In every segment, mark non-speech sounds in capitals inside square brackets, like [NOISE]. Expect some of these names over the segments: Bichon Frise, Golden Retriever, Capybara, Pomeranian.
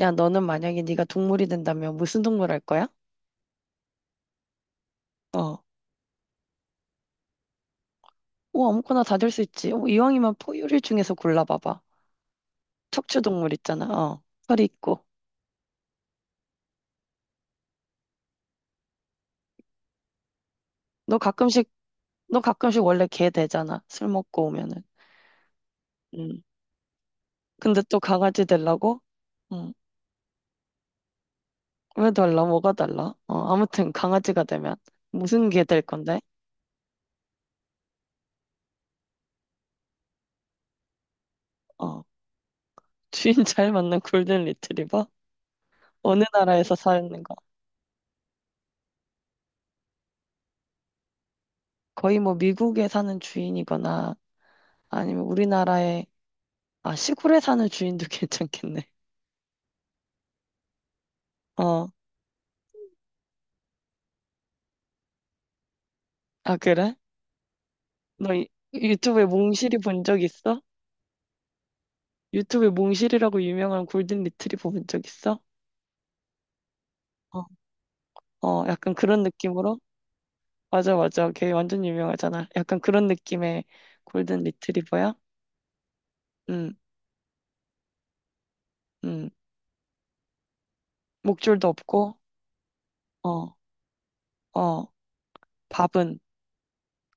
야, 너는 만약에 네가 동물이 된다면 무슨 동물 할 거야? 어. 오, 아무거나 다 될 수 있지. 어, 이왕이면 포유류 중에서 골라봐봐. 척추 동물 있잖아. 어. 털이 있고. 너 가끔씩, 너 가끔씩 원래 개 되잖아. 술 먹고 오면은. 음. 근데 또 강아지 되려고? 음. 왜 달라? 뭐가 달라? 어, 아무튼 강아지가 되면 무슨 개 될 건데? 어. [LAUGHS] 주인 잘 맞는 골든 리트리버? 어느 나라에서 사는 거? 거의 뭐 미국에 사는 주인이거나 아니면 우리나라에 아, 시골에 사는 주인도 [LAUGHS] 괜찮겠네. 어, 아, 그래? 너 이- 유튜브에 몽실이 본 적 있어? 유튜브에 몽실이라고 유명한 골든 리트리버 본 적 있어? 어, 어, 약간 그런 느낌으로? 맞아, 맞아. 걔 완전 유명하잖아. 약간 그런 느낌의 골든 리트리버야? 응, 응. 목줄도 없고, 어, 어. 밥은?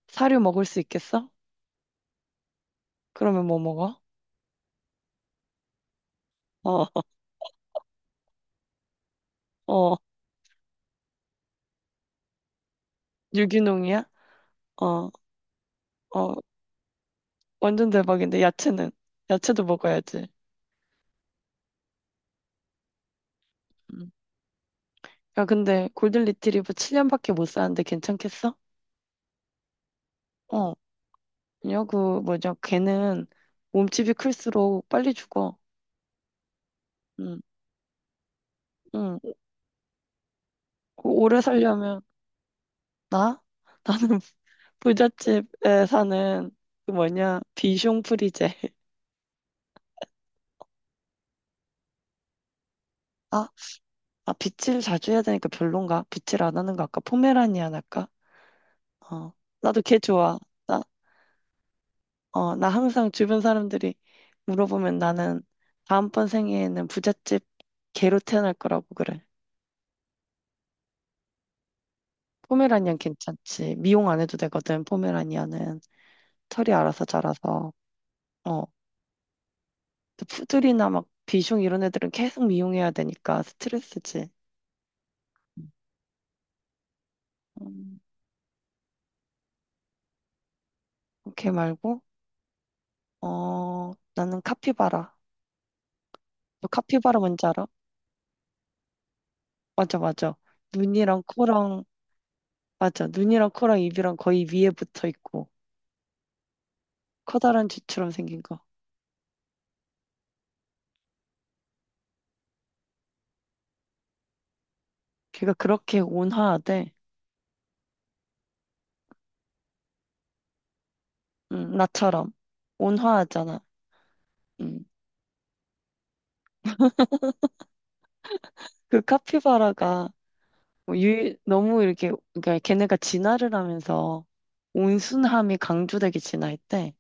사료 먹을 수 있겠어? 그러면 뭐 먹어? 어, [LAUGHS] 어. 유기농이야? 어, 어. 완전 대박인데, 야채는? 야채도 먹어야지. 음. 야, 근데 골든 리트리버 7년밖에 못 사는데 괜찮겠어? 어, 아니요, 그 뭐죠? 걔는 몸집이 클수록 빨리 죽어. 응, 응. 그 오래 살려면 나? 나는 [LAUGHS] 부잣집에 사는 그 뭐냐 비숑 프리제. 아, 아 빗질 자주 해야 되니까 별론가? 빗질 안 하는 거 아까 포메라니안 할까? 어, 나도 걔 좋아. 나, 어, 나 항상 주변 사람들이 물어보면 나는 다음번 생에는 부잣집 개로 태어날 거라고 그래. 포메라니안 괜찮지. 미용 안 해도 되거든, 포메라니안은. 털이 알아서 자라서. 어. 근데 푸들이나 막 비숑 이런 애들은 계속 미용해야 되니까 스트레스지. 음, 오케이 말고, 어, 나는 카피바라. 너 카피바라 뭔지 알아? 맞아, 맞아. 눈이랑 코랑, 맞아. 눈이랑 코랑 입이랑 거의 위에 붙어 있고, 커다란 쥐처럼 생긴 거. 걔가 그렇게 온화하대. 응, 나처럼. 온화하잖아. 응. 그 카피바라가 뭐 너무 이렇게, 그러니까 걔네가 진화를 하면서 온순함이 강조되게 진화했대.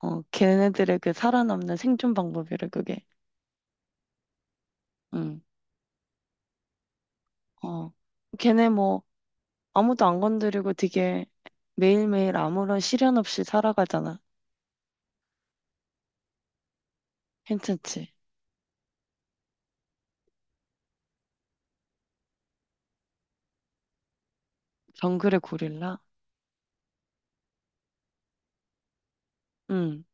어, 걔네들의 그 살아남는 생존 방법이래, 그게. 응, 어. 걔네 뭐 아무도 안 건드리고 되게 매일매일 아무런 시련 없이 살아가잖아. 괜찮지? 정글의 고릴라? 응.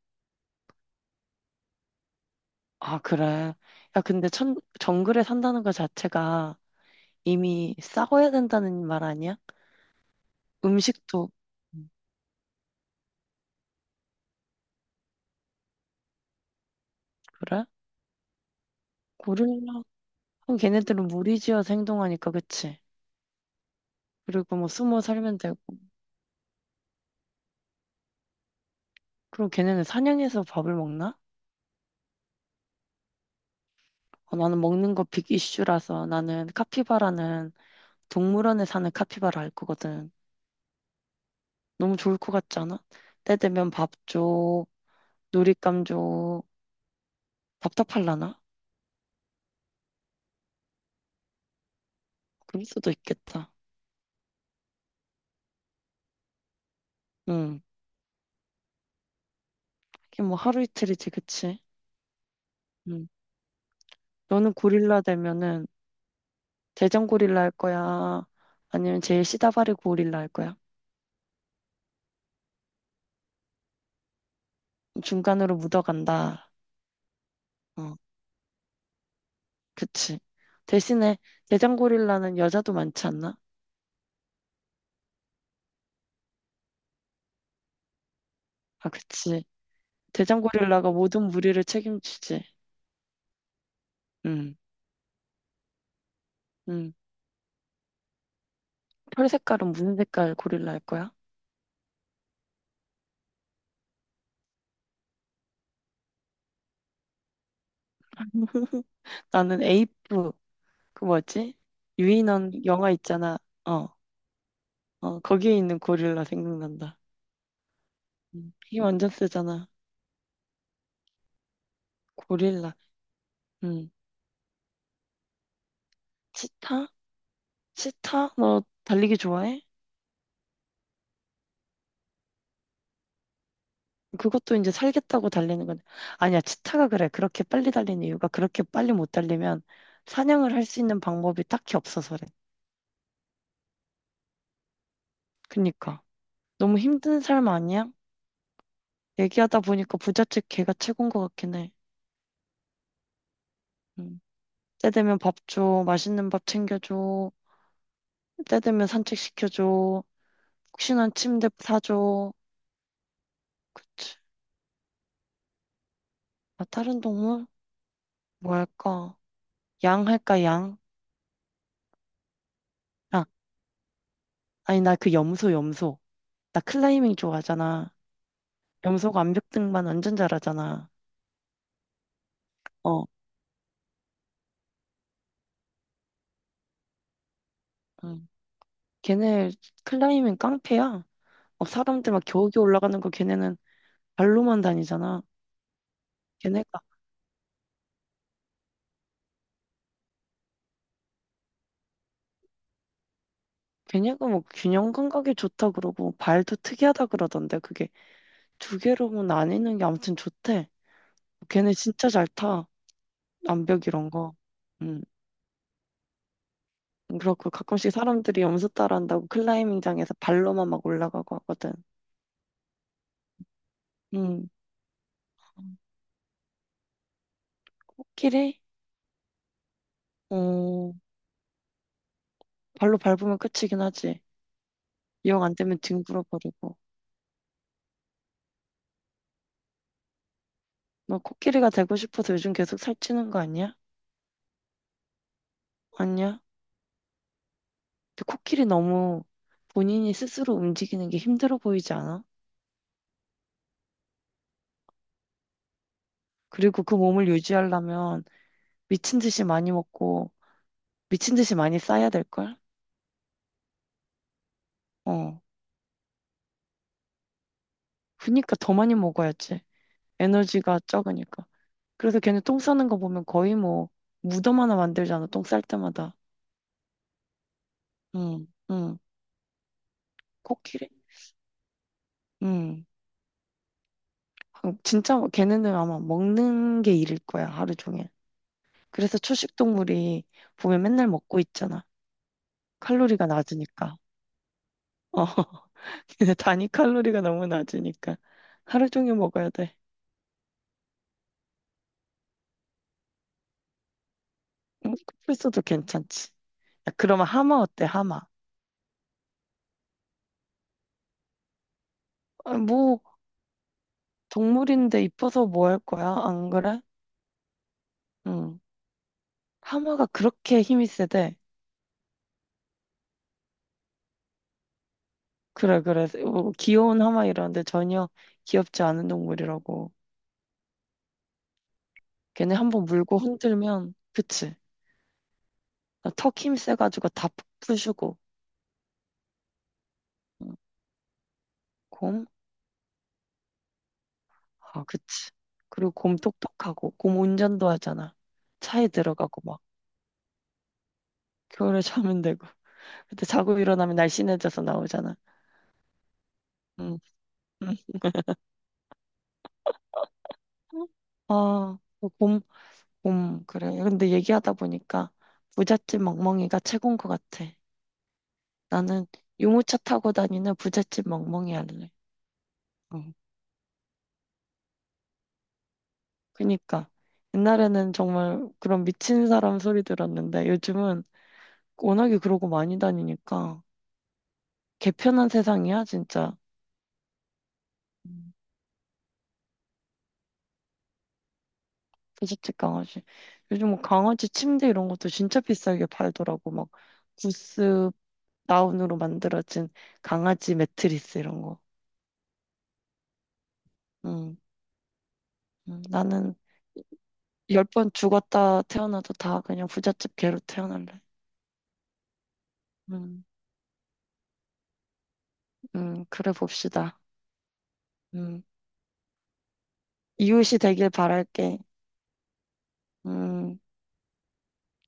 아, 그래. 야, 근데 정글에 산다는 것 자체가 이미 싸워야 된다는 말 아니야? 음식도. 음, 그래? 고릴라. 그럼 걔네들은 무리지어서 행동하니까, 그치? 그리고 뭐 숨어 살면 되고. 그럼 걔네는 사냥해서 밥을 먹나? 어, 나는 먹는 거 빅 이슈라서 나는 카피바라는 동물원에 사는 카피바라 알 거거든. 너무 좋을 것 같지 않아? 때 되면 밥 줘, 놀잇감 줘, 답답할라나? 그럴 수도 있겠다. 응. 이게 뭐 하루 이틀이지, 그치? 응. 너는 고릴라 되면은 대장 고릴라 할 거야? 아니면 제일 시다바리 고릴라 할 거야? 중간으로 묻어간다. 어. 그치. 대신에 대장고릴라는 여자도 많지 않나? 아, 그치. 대장고릴라가 모든 무리를 책임지지. 응, 응. 털 색깔은 무슨 색깔 고릴라일 거야? 나는 에이프, 그 뭐지? 유인원 영화 있잖아. 어, 어, 거기에 있는 고릴라 생각난다. 힘 완전 세잖아. 고릴라. 응. 치타? 치타? 너 달리기 좋아해? 그것도 이제 살겠다고 달리는 건데 아니야 치타가 그래 그렇게 빨리 달리는 이유가 그렇게 빨리 못 달리면 사냥을 할 수 있는 방법이 딱히 없어서래 그니까 너무 힘든 삶 아니야? 얘기하다 보니까 부잣집 개가 최고인 것 같긴 해 음. 때 되면 밥 줘, 맛있는 밥 챙겨줘 때 되면 산책시켜줘 혹시나 침대 사줘 그치 아 다른 동물? 뭐 할까? 양 할까 양? 아 아니 나 그 염소 염소 나 클라이밍 좋아하잖아 염소가 암벽 등반 완전 잘하잖아. 어, 응. 걔네 클라이밍 깡패야. 어, 사람들 막 겨우겨우 올라가는 거 걔네는 발로만 다니잖아. 걔네가 걔네가 뭐 균형 감각이 좋다 그러고 발도 특이하다 그러던데 그게 두 개로 나뉘는 게 아무튼 좋대. 걔네 진짜 잘 타. 암벽 이런 거. 음, 그렇고 가끔씩 사람들이 염소 따라한다고 클라이밍장에서 발로만 막 올라가고 하거든. 음, 코끼리? 어, 발로 밟으면 끝이긴 하지. 이용 안 되면 뒹굴어 버리고. 너 코끼리가 되고 싶어서 요즘 계속 살찌는 거 아니야? 아니야? 근데 코끼리 너무 본인이 스스로 움직이는 게 힘들어 보이지 않아? 그리고 그 몸을 유지하려면 미친 듯이 많이 먹고 미친 듯이 많이 싸야 될걸? 어. 그니까 더 많이 먹어야지. 에너지가 적으니까. 그래서 걔네 똥 싸는 거 보면 거의 뭐 무덤 하나 만들잖아. 똥 쌀 때마다. 응, 응. 코끼리? 응. 아, 진짜 뭐 걔네는 아마 먹는 게 일일 거야. 하루 종일. 그래서 초식 동물이 보면 맨날 먹고 있잖아. 칼로리가 낮으니까. 어. [LAUGHS] 근데 단위 칼로리가 너무 낮으니까 하루 종일 먹어야 돼. 쿠플소도 괜찮지. 야, 그러면 하마 어때? 하마. 아, 뭐 동물인데 이뻐서 뭐 할 거야? 안 그래? 응. 하마가 그렇게 힘이 세대. 그래 그래. 뭐 귀여운 하마 이러는데 전혀 귀엽지 않은 동물이라고. 걔네 한번 물고 흔들면 그치. 턱힘 세가지고 다 푸시고. 응. 고마워. 아, 그치. 그리고 곰 똑똑하고, 곰 운전도 하잖아. 차에 들어가고 막, 겨울에 자면 되고. 그때 자고 일어나면 날씬해져서 나오잖아. 응, 응. 아, 그 곰, 곰, 그래. 근데 얘기하다 보니까 부잣집 멍멍이가 최고인 것 같아. 나는 유모차 타고 다니는 부잣집 멍멍이 할래. 응. 그니까. 옛날에는 정말 그런 미친 사람 소리 들었는데 요즘은 워낙에 그러고 많이 다니니까 개편한 세상이야, 진짜. 응. 부잣집 강아지. 요즘 뭐 강아지 침대 이런 것도 진짜 비싸게 팔더라고. 막 구스 다운으로 만들어진 강아지 매트리스 이런 거. 응. 응. 나는 10번 죽었다 태어나도 다 그냥 부잣집 개로 태어날래. 응. 응. 그래 봅시다. 응. 이웃이 되길 바랄게. 응.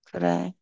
그래.